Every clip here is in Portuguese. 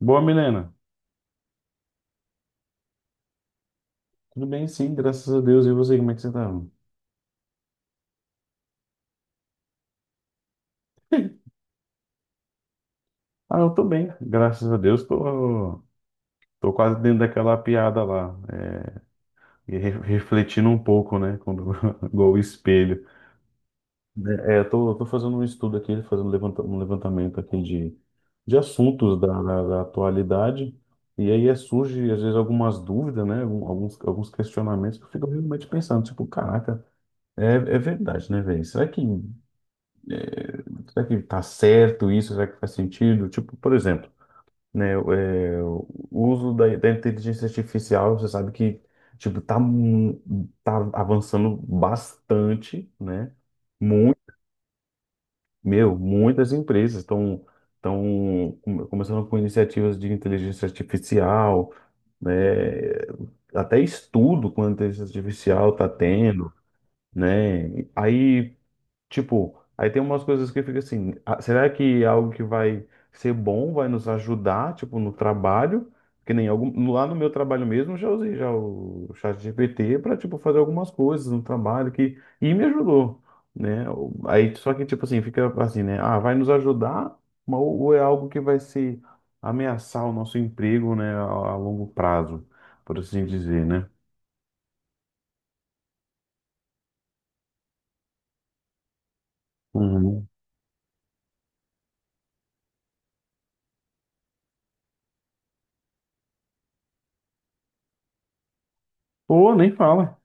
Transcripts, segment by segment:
Boa, Milena. Tudo bem, sim, graças a Deus. E você, como é que você tá? Ah, eu tô bem, graças a Deus. Tô quase dentro daquela piada lá. E refletindo um pouco, né? Quando, igual o espelho. É, eu tô fazendo um estudo aqui, fazendo um levantamento aqui de, assuntos da atualidade. E aí surge, às vezes, algumas dúvidas, né? Alguns, questionamentos que eu fico realmente pensando, tipo, caraca, é verdade, né, velho? Será que tá certo isso? Será que faz sentido? Tipo, por exemplo, né, o uso da inteligência artificial, você sabe que, tipo, tá avançando bastante, né? Muito, meu, muitas empresas estão começando com iniciativas de inteligência artificial, né? Até estudo com inteligência artificial tá tendo, né? Aí Tipo, aí tem umas coisas que fica assim, será que é algo que vai ser bom, vai nos ajudar, tipo, no trabalho? Que nem lá no meu trabalho mesmo, eu já usei já o chat GPT para tipo fazer algumas coisas no trabalho que e me ajudou, né? Aí só que tipo assim, fica assim, né? Ah, vai nos ajudar, mas ou é algo que vai se ameaçar o nosso emprego, né, a longo prazo, por assim dizer, né? Uhum. Ou nem fala.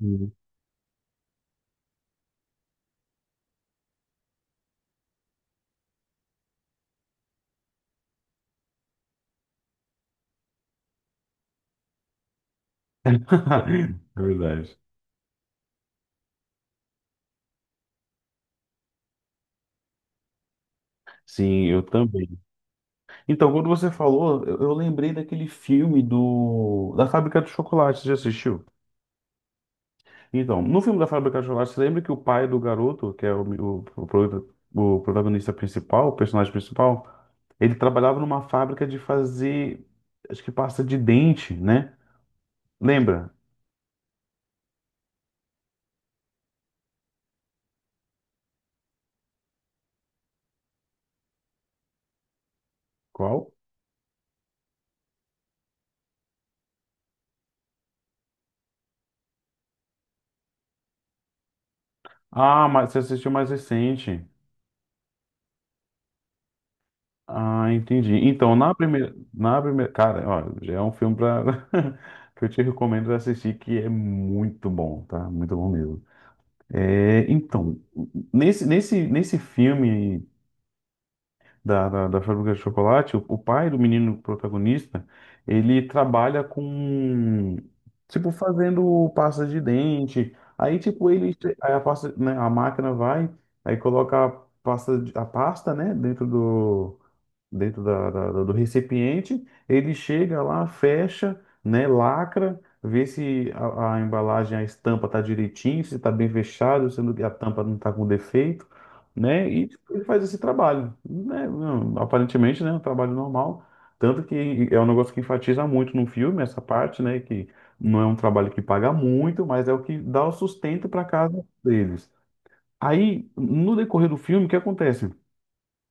Uhum. É verdade. Sim, eu também. Então, quando você falou, eu lembrei daquele filme do da Fábrica de Chocolate, você já assistiu? Então, no filme da Fábrica de Chocolate, você lembra que o pai do garoto, que é o protagonista principal, o personagem principal, ele trabalhava numa fábrica de fazer, acho que pasta de dente, né? Lembra? Qual? Ah, mas você assistiu mais recente. Ah, entendi. Então, na primeira, cara, ó, já é um filme pra, que eu te recomendo assistir, que é muito bom, tá? Muito bom mesmo. É, então, nesse filme da Fábrica de Chocolate, o pai do menino protagonista, ele trabalha com, tipo, fazendo pasta de dente. Aí, tipo, ele, aí a pasta, né, a máquina vai, aí coloca a pasta, né, dentro do dentro da, da, da do recipiente, ele chega lá, fecha, né, lacra, vê se a embalagem, a estampa está direitinho, se está bem fechado, se não- a tampa não está com defeito, né, e ele faz esse trabalho, né, não, aparentemente, né, um trabalho normal, tanto que é um negócio que enfatiza muito no filme, essa parte, né, que não é um trabalho que paga muito, mas é o que dá o sustento para casa deles. Aí, no decorrer do filme, o que acontece?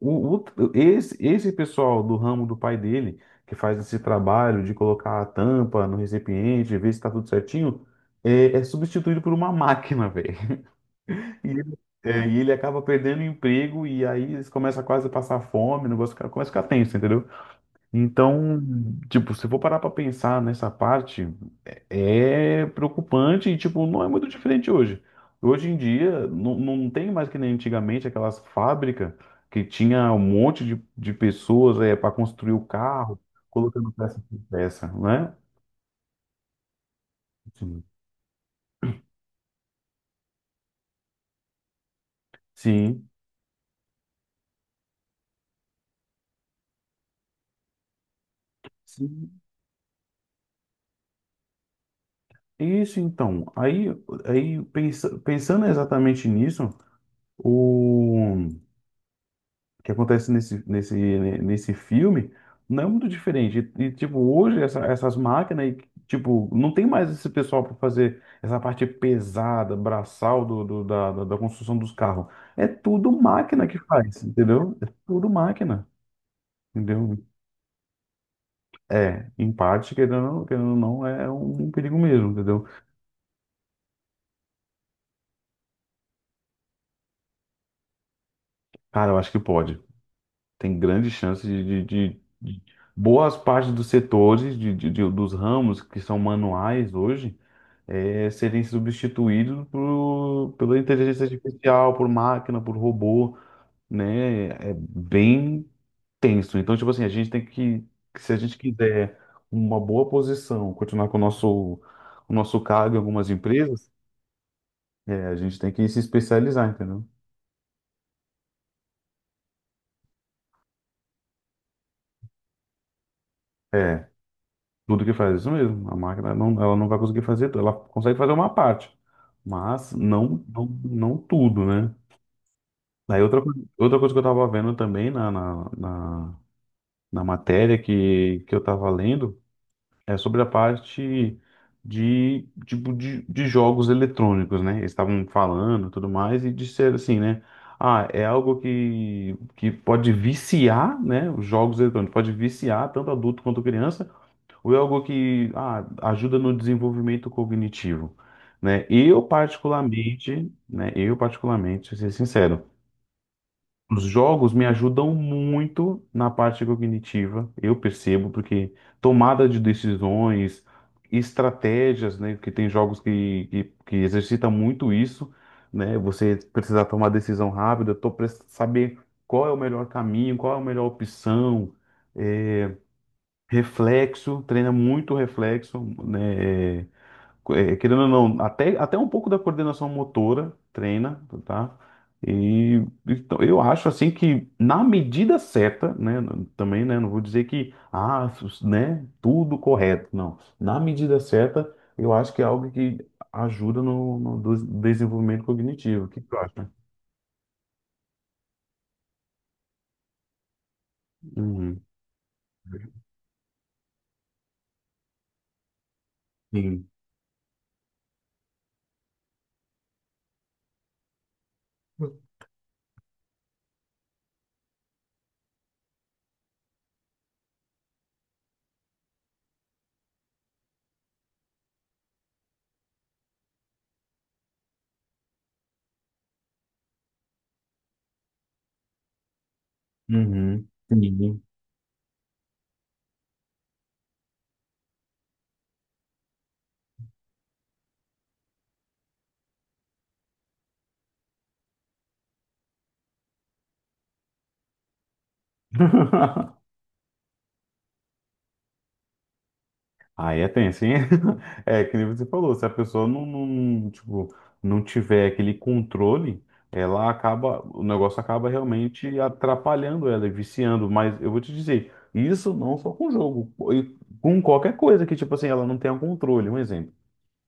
O, o- esse pessoal do ramo do pai dele, que faz esse trabalho de colocar a tampa no recipiente, ver se está tudo certinho, é substituído por uma máquina, velho. E, ele- ele acaba perdendo o emprego e aí eles começam quase a passar fome, o negócio começa a ficar tenso, entendeu? Então, tipo, se eu for parar para pensar nessa parte. É preocupante e, tipo, não é muito diferente hoje. Hoje em dia, não tem mais que nem antigamente aquelas fábricas que tinha um monte de pessoas para construir o carro, colocando peça por peça, né? Sim. Sim. Sim. Isso, então. Pensando exatamente nisso, o que acontece nesse filme não é muito diferente. E, tipo, hoje essas máquinas, e, tipo, não tem mais esse pessoal para fazer essa parte pesada, braçal do, da construção dos carros. É tudo máquina que faz, entendeu? É tudo máquina, entendeu? É, em parte, querendo ou não, é um perigo mesmo, entendeu? Cara, eu acho que pode. Tem grandes chances de boas partes dos setores, dos ramos que são manuais hoje, serem substituídos pela inteligência artificial, por máquina, por robô, né? É bem tenso. Então, tipo assim, a gente tem que, se a gente quiser uma boa posição, continuar com o nosso cargo em algumas empresas, a gente tem que se especializar, entendeu? É. Tudo que faz, é isso mesmo. A máquina não, ela não vai conseguir fazer tudo. Ela consegue fazer uma parte, mas não tudo, né? Aí outra coisa que eu tava vendo também na matéria que eu tava lendo é sobre a parte de, tipo, de jogos eletrônicos, né? Eles estavam falando e tudo mais e disseram assim, né? Ah, é algo que pode viciar, né? Os jogos eletrônicos, pode viciar tanto adulto quanto criança ou é algo que ajuda no desenvolvimento cognitivo, né? Eu particularmente, né? Eu particularmente, ser sincero, os jogos me ajudam muito na parte cognitiva. Eu percebo porque tomada de decisões, estratégias, né? Porque tem jogos que exercita muito isso, né? Você precisar tomar decisão rápida, saber qual é o melhor caminho, qual é a melhor opção. eh, Reflexo, treina muito reflexo, né? Querendo ou não, até um pouco da coordenação motora treina, tá? E então, eu acho assim que na medida certa, né? Também, né? Não vou dizer que, né? Tudo correto, não. Na medida certa, eu acho que é algo que ajuda no desenvolvimento cognitivo. O que tu acha? Uhum. Sim. Uhum. Sim. Aí é tenso, hein? É, que nem você falou, se a pessoa tipo, não tiver aquele controle, ela acaba, o negócio acaba realmente atrapalhando ela e viciando. Mas eu vou te dizer, isso não só com jogo, e com qualquer coisa que, tipo assim, ela não tenha controle. Um exemplo.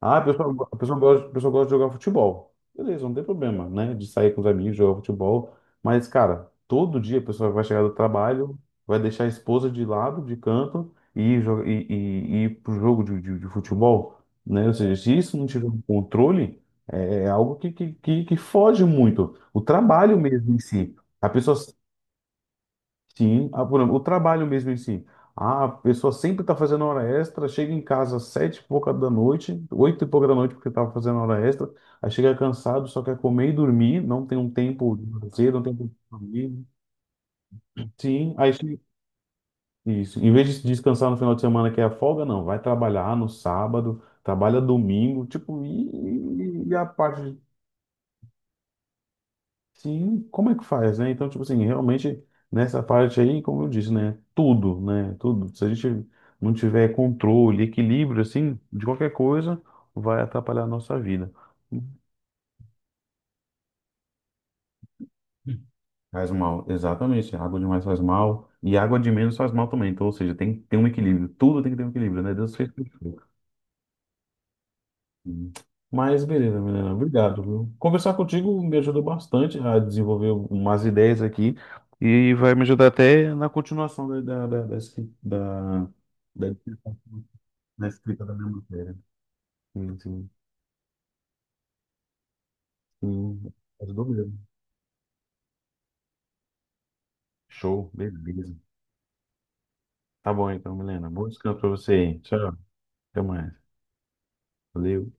Ah, a pessoa gosta de jogar futebol. Beleza, não tem problema, né? De sair com os amigos, jogar futebol. Mas, cara, todo dia a pessoa vai chegar do trabalho, vai deixar a esposa de lado, de canto, e ir, jo- e ir pro jogo de futebol, né? Ou seja, se isso não tiver um controle, é algo que foge muito. O trabalho mesmo em si. A pessoa Sim, por exemplo, o trabalho mesmo em si. Ah, a pessoa sempre está fazendo hora extra, chega em casa às sete e pouca da noite, oito e pouca da noite porque estava fazendo hora extra, aí chega cansado, só quer comer e dormir, não tem um tempo de lazer, não tem um tempo de dormir. Sim, isso. Em vez de se descansar no final de semana, que é a folga, não, vai trabalhar no sábado, trabalha domingo, tipo, e a parte. Sim, como é que faz, né? Então, tipo assim, realmente nessa parte aí, como eu disse, né? Tudo, né? Tudo. Se a gente não tiver controle, equilíbrio, assim, de qualquer coisa, vai atrapalhar a nossa vida. Faz mal, exatamente. Água demais faz mal e água de menos faz mal também. Então, ou seja, tem que ter um equilíbrio. Tudo tem que ter um equilíbrio, né? Deus fez tudo. Hum. Mas beleza, Milena, obrigado, viu? Conversar contigo me ajudou bastante a desenvolver umas ideias aqui e vai me ajudar até na continuação da dissertação, da escrita da minha matéria. Sim, sim, sim, ajudou mesmo. Show, beleza. Tá bom então, Milena. Bom descanso pra você aí. Tchau, até mais. Valeu.